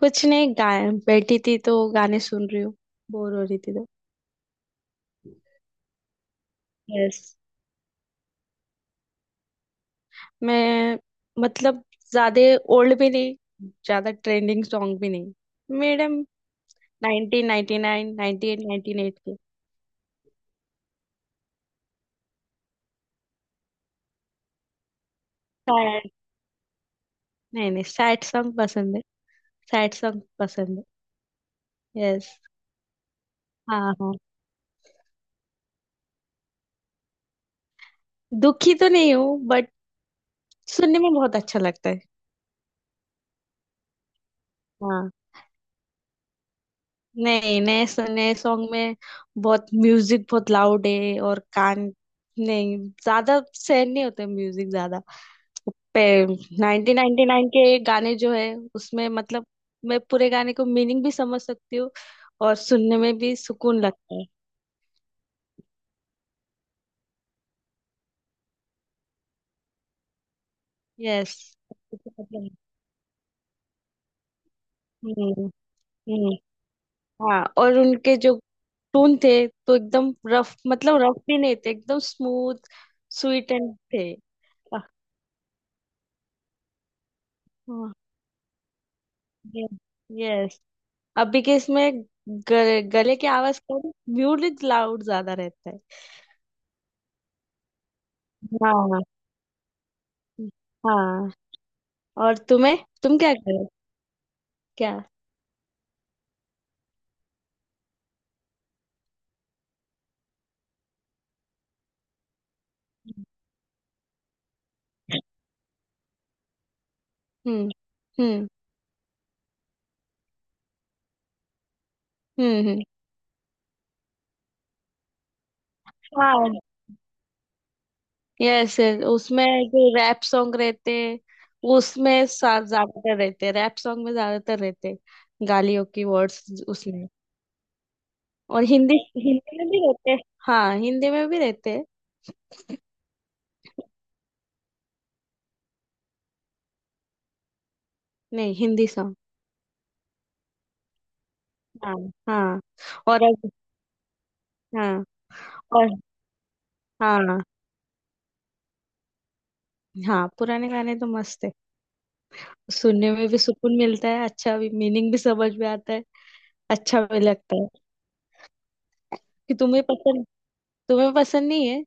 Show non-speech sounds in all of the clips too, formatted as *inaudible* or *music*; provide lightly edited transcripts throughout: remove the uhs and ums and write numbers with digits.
कुछ नहीं। गाय बैठी थी तो गाने सुन रही हूँ। बोर हो रही थी तो। यस। मैं मतलब ज्यादा ओल्ड भी नहीं, ज्यादा ट्रेंडिंग सॉन्ग भी नहीं मैडम। 1999, 98, 98 के। सैड नहीं नहीं, सैड सॉन्ग पसंद है। सैड सॉन्ग पसंद है। यस। हाँ हाँ। दुखी तो नहीं हूँ बट सुनने में बहुत अच्छा लगता है। हाँ। नहीं, नए नए सॉन्ग में बहुत म्यूजिक, बहुत लाउड है और कान नहीं, ज्यादा सहन नहीं होते म्यूजिक ज्यादा। नाइनटीन नाइनटी नाइन के गाने जो है उसमें मतलब मैं पूरे गाने को मीनिंग भी समझ सकती हूँ, और सुनने में भी सुकून लगता है। यस। हम्म। हम्म। हाँ, और उनके जो टोन थे तो एकदम रफ, मतलब रफ भी नहीं थे, एकदम स्मूथ, स्वीट एंड थे। यस। अभी के इसमें गले की आवाज कम, म्यूजिक लाउड ज्यादा रहता है। हाँ। हाँ। और तुम्हें तुम क्या करो? क्या? हम्म। हम्म। हम्म। हम्म। हाँ। यस। यस। उसमें जो रैप सॉन्ग रहते हैं, उसमें ज्यादातर रहते हैं, रैप सॉन्ग में ज्यादातर रहते हैं गालियों की वर्ड्स उसमें। और हिंदी हिंदी में भी रहते हैं। हाँ, हिंदी में भी रहते हैं। नहीं, हिंदी सॉन्ग। हाँ हाँ। और अग- हाँ। और। हाँ हाँ। पुराने गाने तो मस्त है। सुनने में भी सुकून मिलता है, अच्छा भी, मीनिंग भी समझ में आता है, अच्छा भी लगता है। कि तुम्हें पसंद नहीं है?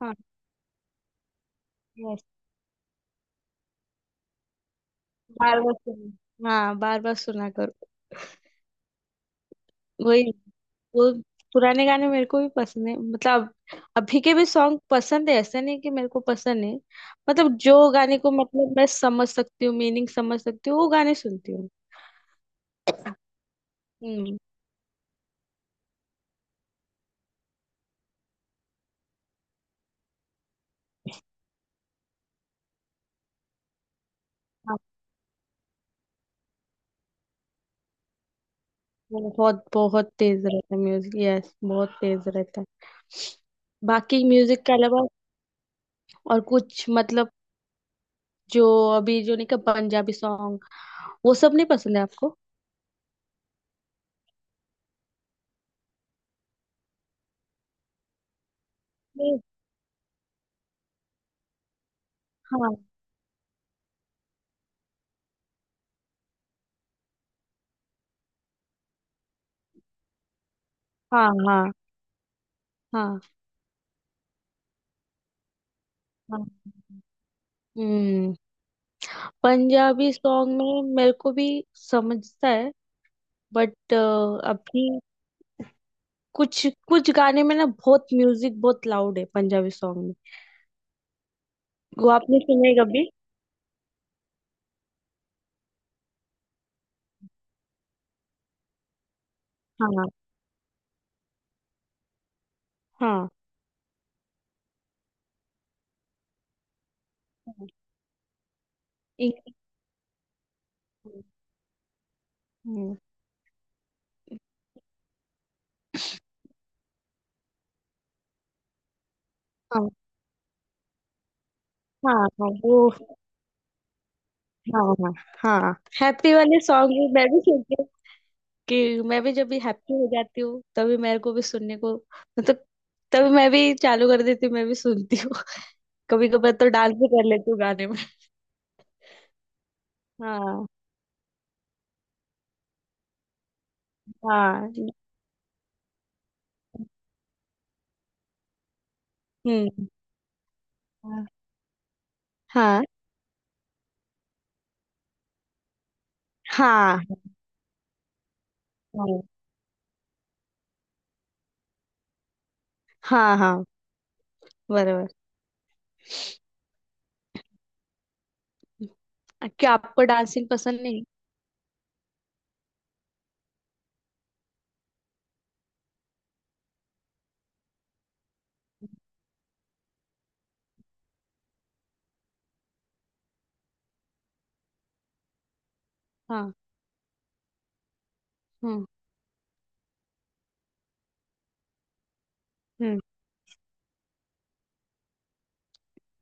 हाँ। यस। बार बार सुन हाँ, बार बार सुना करो। वही वो पुराने गाने मेरे को भी पसंद है। मतलब अभी के भी सॉन्ग पसंद है, ऐसा नहीं कि मेरे को पसंद है। मतलब जो गाने को मतलब मैं समझ सकती हूँ, मीनिंग समझ सकती हूँ, वो गाने सुनती हूँ। हम्म। हाँ, बहुत बहुत तेज रहता है म्यूजिक, यस बहुत तेज रहता है। बाकी म्यूजिक के अलावा और कुछ, मतलब जो अभी जो नहीं का पंजाबी सॉन्ग, वो सब नहीं पसंद है आपको? नहीं। हाँ हाँ हाँ हाँ हाँ। हम्म। पंजाबी सॉन्ग में मेरे को भी समझता है, बट अभी कुछ कुछ गाने में ना बहुत म्यूजिक, बहुत लाउड है पंजाबी सॉन्ग में। वो आपने सुने कभी? हाँ हाँ हाँ। इंग्लिश- हम्म। हाँ हाँ हाँ, वो, हाँ हाँ। हैप्पी वाले सॉन्ग भी मैं भी सुनती हूँ कि मैं भी जब भी हैप्पी हो जाती हूँ तभी मेरे को भी सुनने को, मतलब तभी मैं भी चालू कर देती हूँ, मैं भी सुनती हूँ। *laughs* कभी कभार तो डांस भी कर लेती हूँ गाने में। हाँ हाँ। हम्म। हाँ हाँ हाँ हाँ हाँ। बराबर। क्या आपको डांसिंग पसंद नहीं? हाँ। हम्म। हम्म।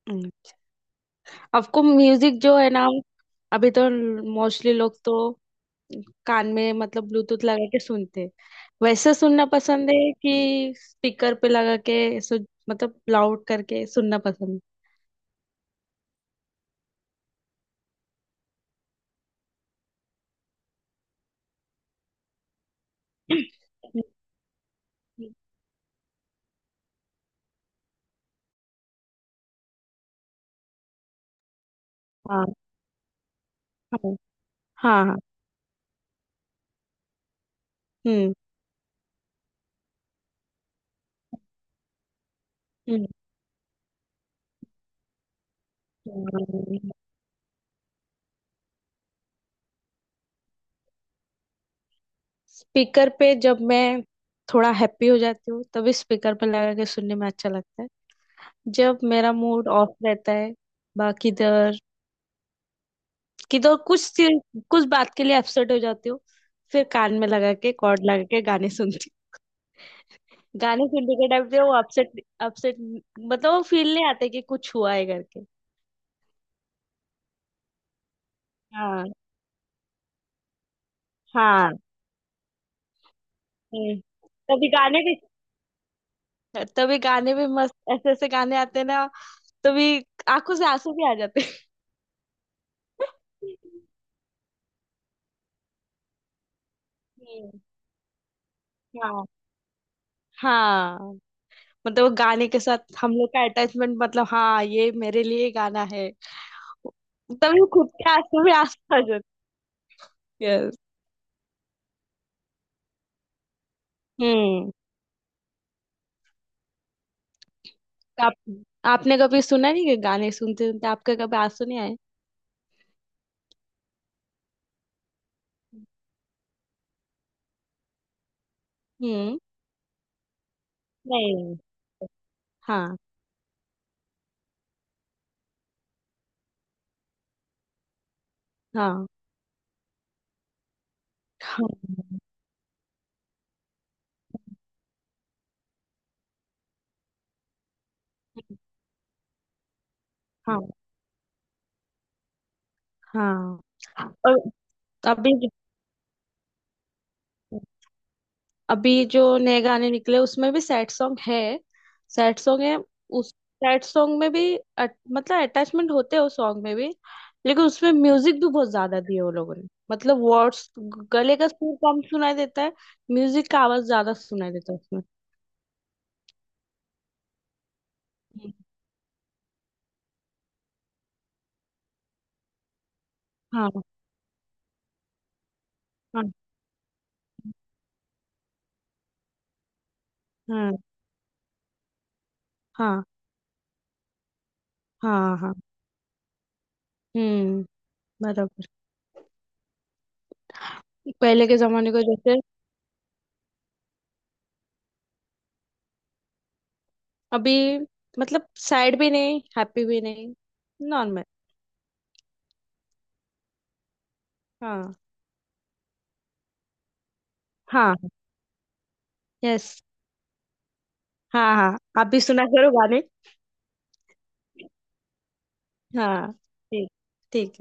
हम्म। आपको म्यूजिक जो है ना, अभी तो मोस्टली लोग तो कान में मतलब ब्लूटूथ लगा के सुनते हैं। वैसे सुनना पसंद है कि स्पीकर पे लगा के मतलब लाउड करके सुनना पसंद है? हाँ हाँ हाँ हाँ। हम्म हम्म हम्म। स्पीकर पे जब मैं थोड़ा हैप्पी हो जाती हूँ तभी स्पीकर पे लगा के सुनने में अच्छा लगता है। जब मेरा मूड ऑफ रहता है, बाकी किधर किधर कुछ कुछ बात के लिए अपसेट हो जाती हूँ, फिर कान में लगा के कॉर्ड लगा के गाने सुनती हूँ। गाने सुनने के टाइम पे वो अपसेट अपसेट, मतलब वो फील नहीं आता कि कुछ हुआ है करके। हाँ हाँ। हम्म। कभी गाने भी तभी गाने भी मस्त, ऐसे ऐसे गाने आते हैं ना, तभी आंखों से आंसू भी आ जाते हैं। हम्म, हाँ हाँ। मतलब वो गाने के साथ हम लोग का अटैचमेंट, मतलब हाँ ये मेरे लिए गाना है, तभी खुद के आंसू भी आंसू आ जाते हैं। Yes. हम्म। आप आपने कभी सुना नहीं कि गाने सुनते सुनते आपके कभी आंसू नहीं आए? हम्म। नहीं। हाँ हाँ हाँ हाँ हाँ। और अभी अभी जो नए गाने निकले उसमें भी सैड सॉन्ग है। सैड सॉन्ग है। उस सैड सॉन्ग में भी मतलब अटैचमेंट होते हैं उस सॉन्ग में भी। लेकिन उसमें म्यूजिक भी बहुत ज्यादा दिए वो लोगों ने, मतलब वर्ड्स, गले का सुर कम सुनाई देता है, म्यूजिक का आवाज ज्यादा सुनाई देता है उसमें। हम्म, हाँ हाँ हाँ हाँ हाँ हाँ। हम्म। बराबर। पहले के जमाने को जैसे, अभी मतलब सैड भी नहीं, हैप्पी भी नहीं, नॉर्मल। हाँ हाँ। यस। हाँ हाँ, आप भी सुना करो गाने। हाँ। ठीक, ठीक है।